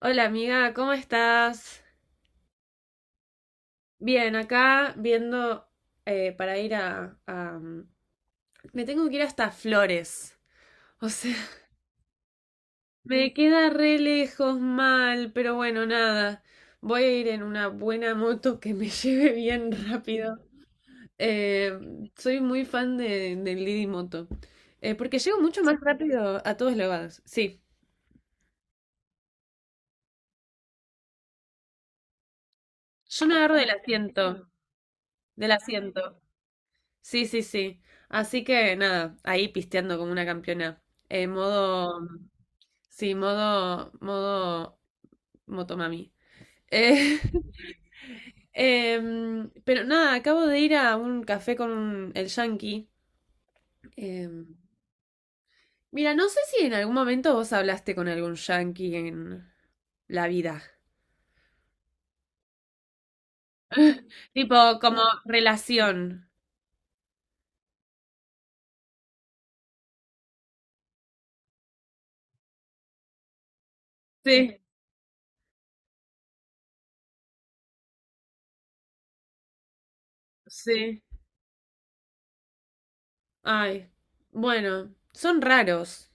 Hola amiga, ¿cómo estás? Bien, acá viendo para ir me tengo que ir hasta Flores. O sea, me queda re lejos mal, pero bueno, nada. Voy a ir en una buena moto que me lleve bien rápido. Eh, soy muy fan del Didi Moto. Porque llego mucho más rápido a todos lados. Sí, yo no agarro del asiento. Del asiento. Sí, sí, sí. Así que nada, ahí pisteando como una campeona. Eh, modo, modo motomami. Eh, pero nada, acabo de ir a un café con el yankee. Em, mira, no sé si en algún momento vos hablaste con algún yankee en la vida. Tipo, como relación. Sí, sí. Ay, bueno, son raros.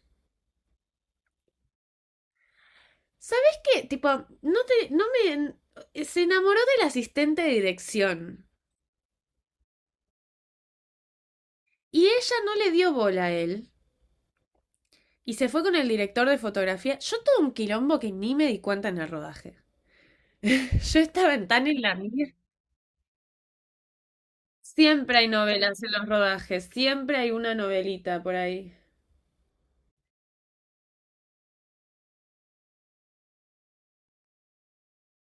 ¿Sabes qué? Tipo, no te, no me, se enamoró del asistente de dirección y ella no le dio bola a él y se fue con el director de fotografía. Yo todo un quilombo que ni me di cuenta en el rodaje. Yo estaba tan en la mía. Siempre hay novelas en los rodajes, siempre hay una novelita por ahí.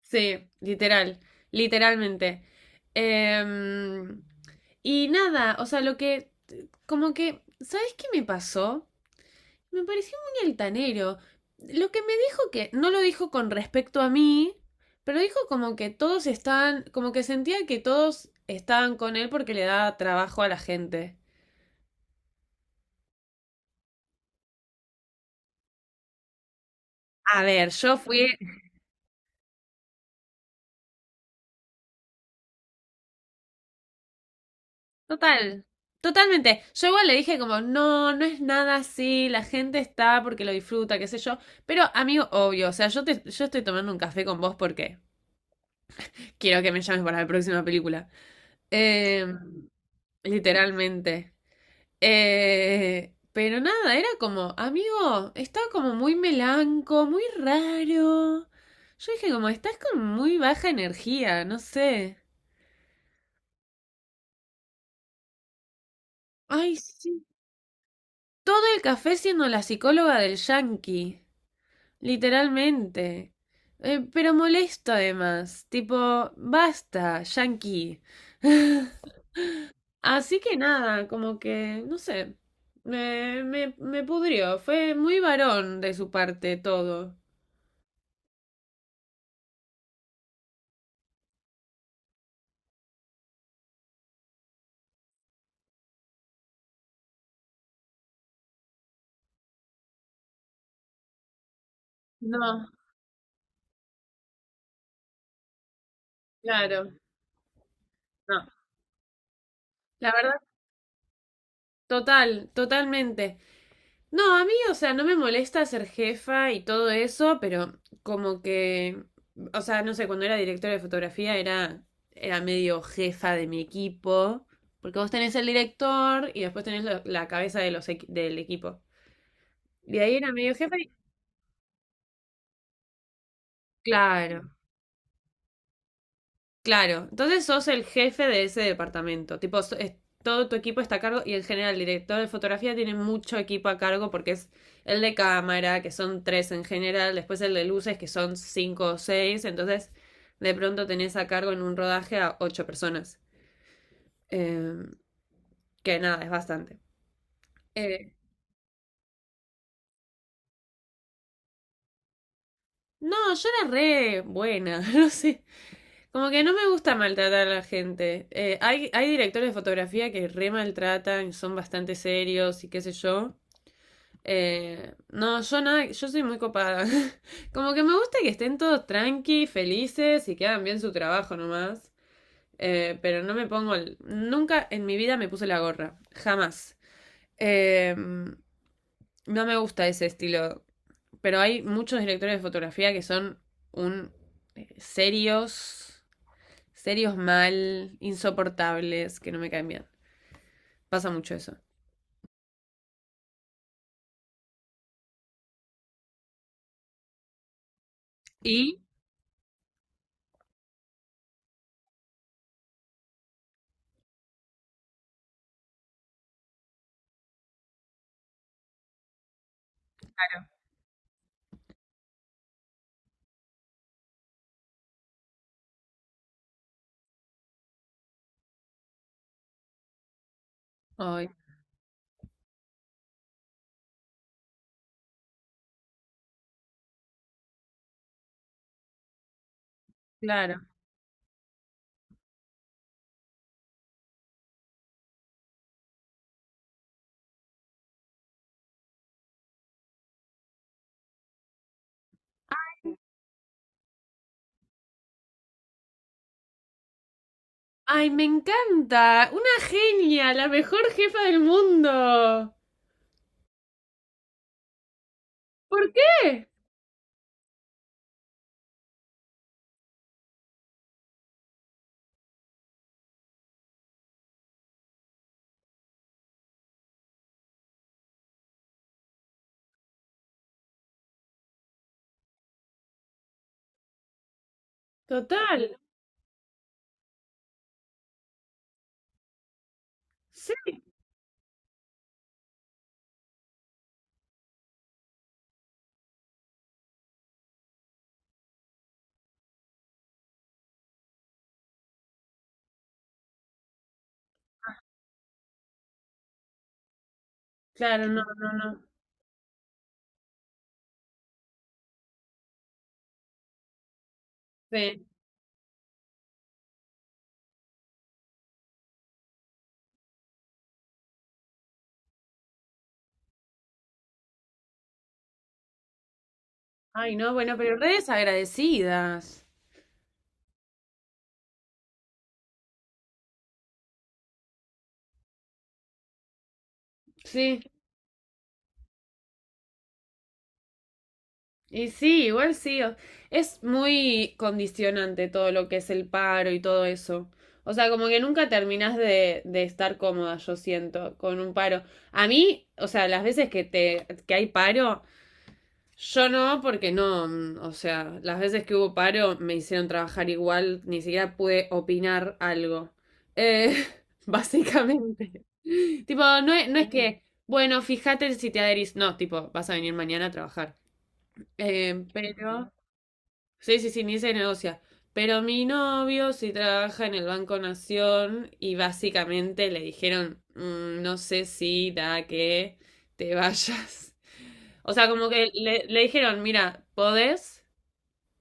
Sí, literal, literalmente. Em, y nada, o sea, lo que, como que, ¿sabes qué me pasó? Me pareció muy altanero. Lo que me dijo que no lo dijo con respecto a mí, pero dijo como que todos estaban, como que sentía que todos estaban con él porque le daba trabajo a la gente. A ver, yo fui total, totalmente. Yo igual le dije como, no, no es nada así, la gente está porque lo disfruta, qué sé yo. Pero amigo, obvio, o sea, yo estoy tomando un café con vos porque quiero que me llames para la próxima película. Eh, literalmente. Pero nada, era como, amigo, está como muy melanco, muy raro. Yo dije como, estás con muy baja energía, no sé. Ay, sí. Todo el café siendo la psicóloga del yankee, literalmente. Pero molesto además, tipo, basta, yankee. Así que nada, como que, no sé, me pudrió, fue muy varón de su parte todo. No, claro. No, la verdad, total, totalmente. No, a mí, o sea, no me molesta ser jefa y todo eso, pero como que, o sea, no sé, cuando era directora de fotografía era medio jefa de mi equipo, porque vos tenés el director y después tenés la cabeza de del equipo. Y ahí era medio jefa y, claro. Claro, entonces sos el jefe de ese departamento. Tipo, todo tu equipo está a cargo y en general el director de fotografía tiene mucho equipo a cargo porque es el de cámara, que son tres en general, después el de luces, que son cinco o seis. Entonces, de pronto tenés a cargo en un rodaje a ocho personas. Eh, que nada, es bastante. Eh, no, yo era re buena, no sé. Como que no me gusta maltratar a la gente. Hay directores de fotografía que re maltratan, son bastante serios y qué sé yo. No, yo nada, yo soy muy copada. Como que me gusta que estén todos tranqui, felices y que hagan bien su trabajo nomás. Pero no me pongo nunca en mi vida me puse la gorra. Jamás. No me gusta ese estilo. Pero hay muchos directores de fotografía que son un eh, serios, serios mal, insoportables, que no me caen bien. Pasa mucho eso. Y, ay, claro. Ay, me encanta. Una genia, la mejor jefa del mundo. ¿Por qué? Total. Sí. Claro, no, no, no. Sí. Ay, no, bueno, pero redes agradecidas. Sí. Y sí, igual sí. Es muy condicionante todo lo que es el paro y todo eso. O sea, como que nunca terminás de estar cómoda, yo siento, con un paro. A mí, o sea, las veces que te, que hay paro, yo no, porque no, o sea, las veces que hubo paro me hicieron trabajar igual, ni siquiera pude opinar algo. Eh, básicamente. Tipo, no es que, bueno, fíjate si te adherís, no, tipo, vas a venir mañana a trabajar. Pero... Sí, sí, sí, ni se negocia. Pero mi novio sí trabaja en el Banco Nación y básicamente le dijeron, "Mm, no sé si da que te vayas". O sea, como que le dijeron, mira, podés,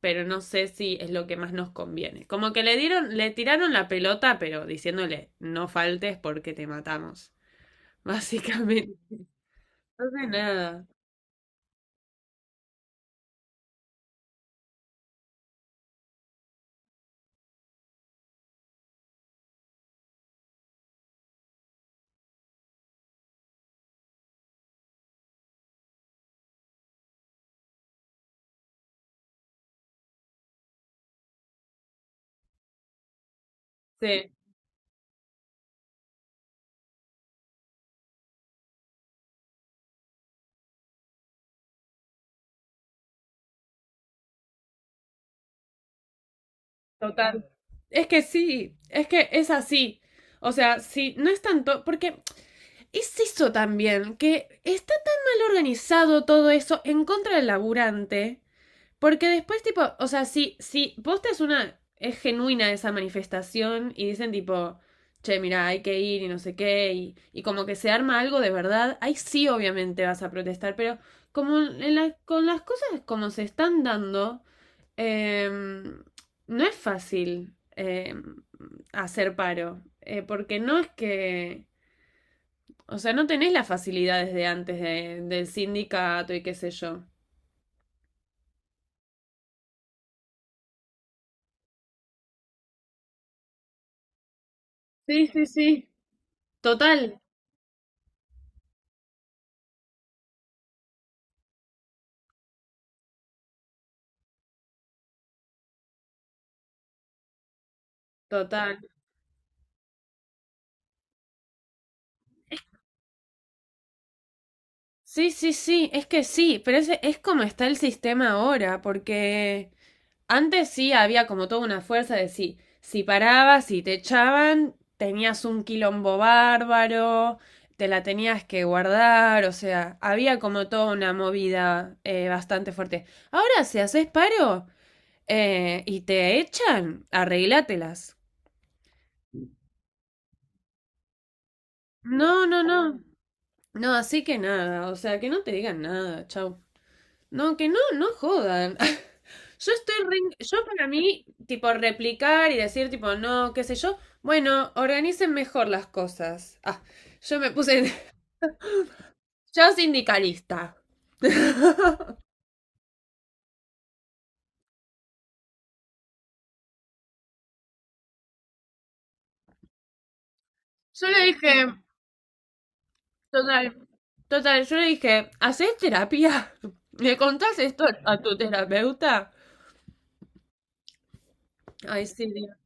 pero no sé si es lo que más nos conviene. Como que le dieron, le tiraron la pelota, pero diciéndole, no faltes porque te matamos. Básicamente. Entonces, nada. Sí. Total. Es que sí, es que es así. O sea, sí, no es tanto, porque es eso también, que está tan mal organizado todo eso en contra del laburante, porque después, tipo, o sea, si vos te es una, es genuina esa manifestación y dicen, tipo, che, mira, hay que ir y no sé qué, y como que se arma algo de verdad, ahí sí, obviamente vas a protestar, pero como en con las cosas como se están dando, eh, no es fácil hacer paro, porque no es que, o sea, no tenés las facilidades de antes del sindicato y qué sé yo. Sí, sí, sí. Total, total. Sí, sí, sí, es que sí, pero ese es como está el sistema ahora, porque antes sí había como toda una fuerza de sí, si parabas y te echaban, tenías un quilombo bárbaro, te la tenías que guardar, o sea, había como toda una movida bastante fuerte. Ahora, si haces paro y te echan, arreglátelas. No, no, no. No, así que nada, o sea, que no te digan nada, chau. No, que no, no jodan. Yo para mí, tipo, replicar y decir, tipo, no, qué sé yo. Bueno, organicen mejor las cosas. Ah, yo me puse, yo sindicalista. Yo le dije, total, total, yo le dije, ¿hacés terapia? ¿Le contás esto a tu terapeuta? Ay, sí, Dios.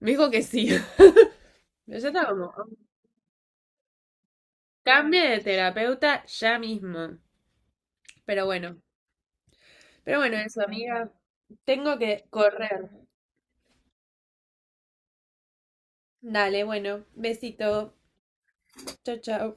Me dijo que sí. Pero yo estaba como, cambie de terapeuta ya mismo. Pero bueno, pero bueno, eso, amiga. Tengo que correr. Dale, bueno, besito. Chao, chao.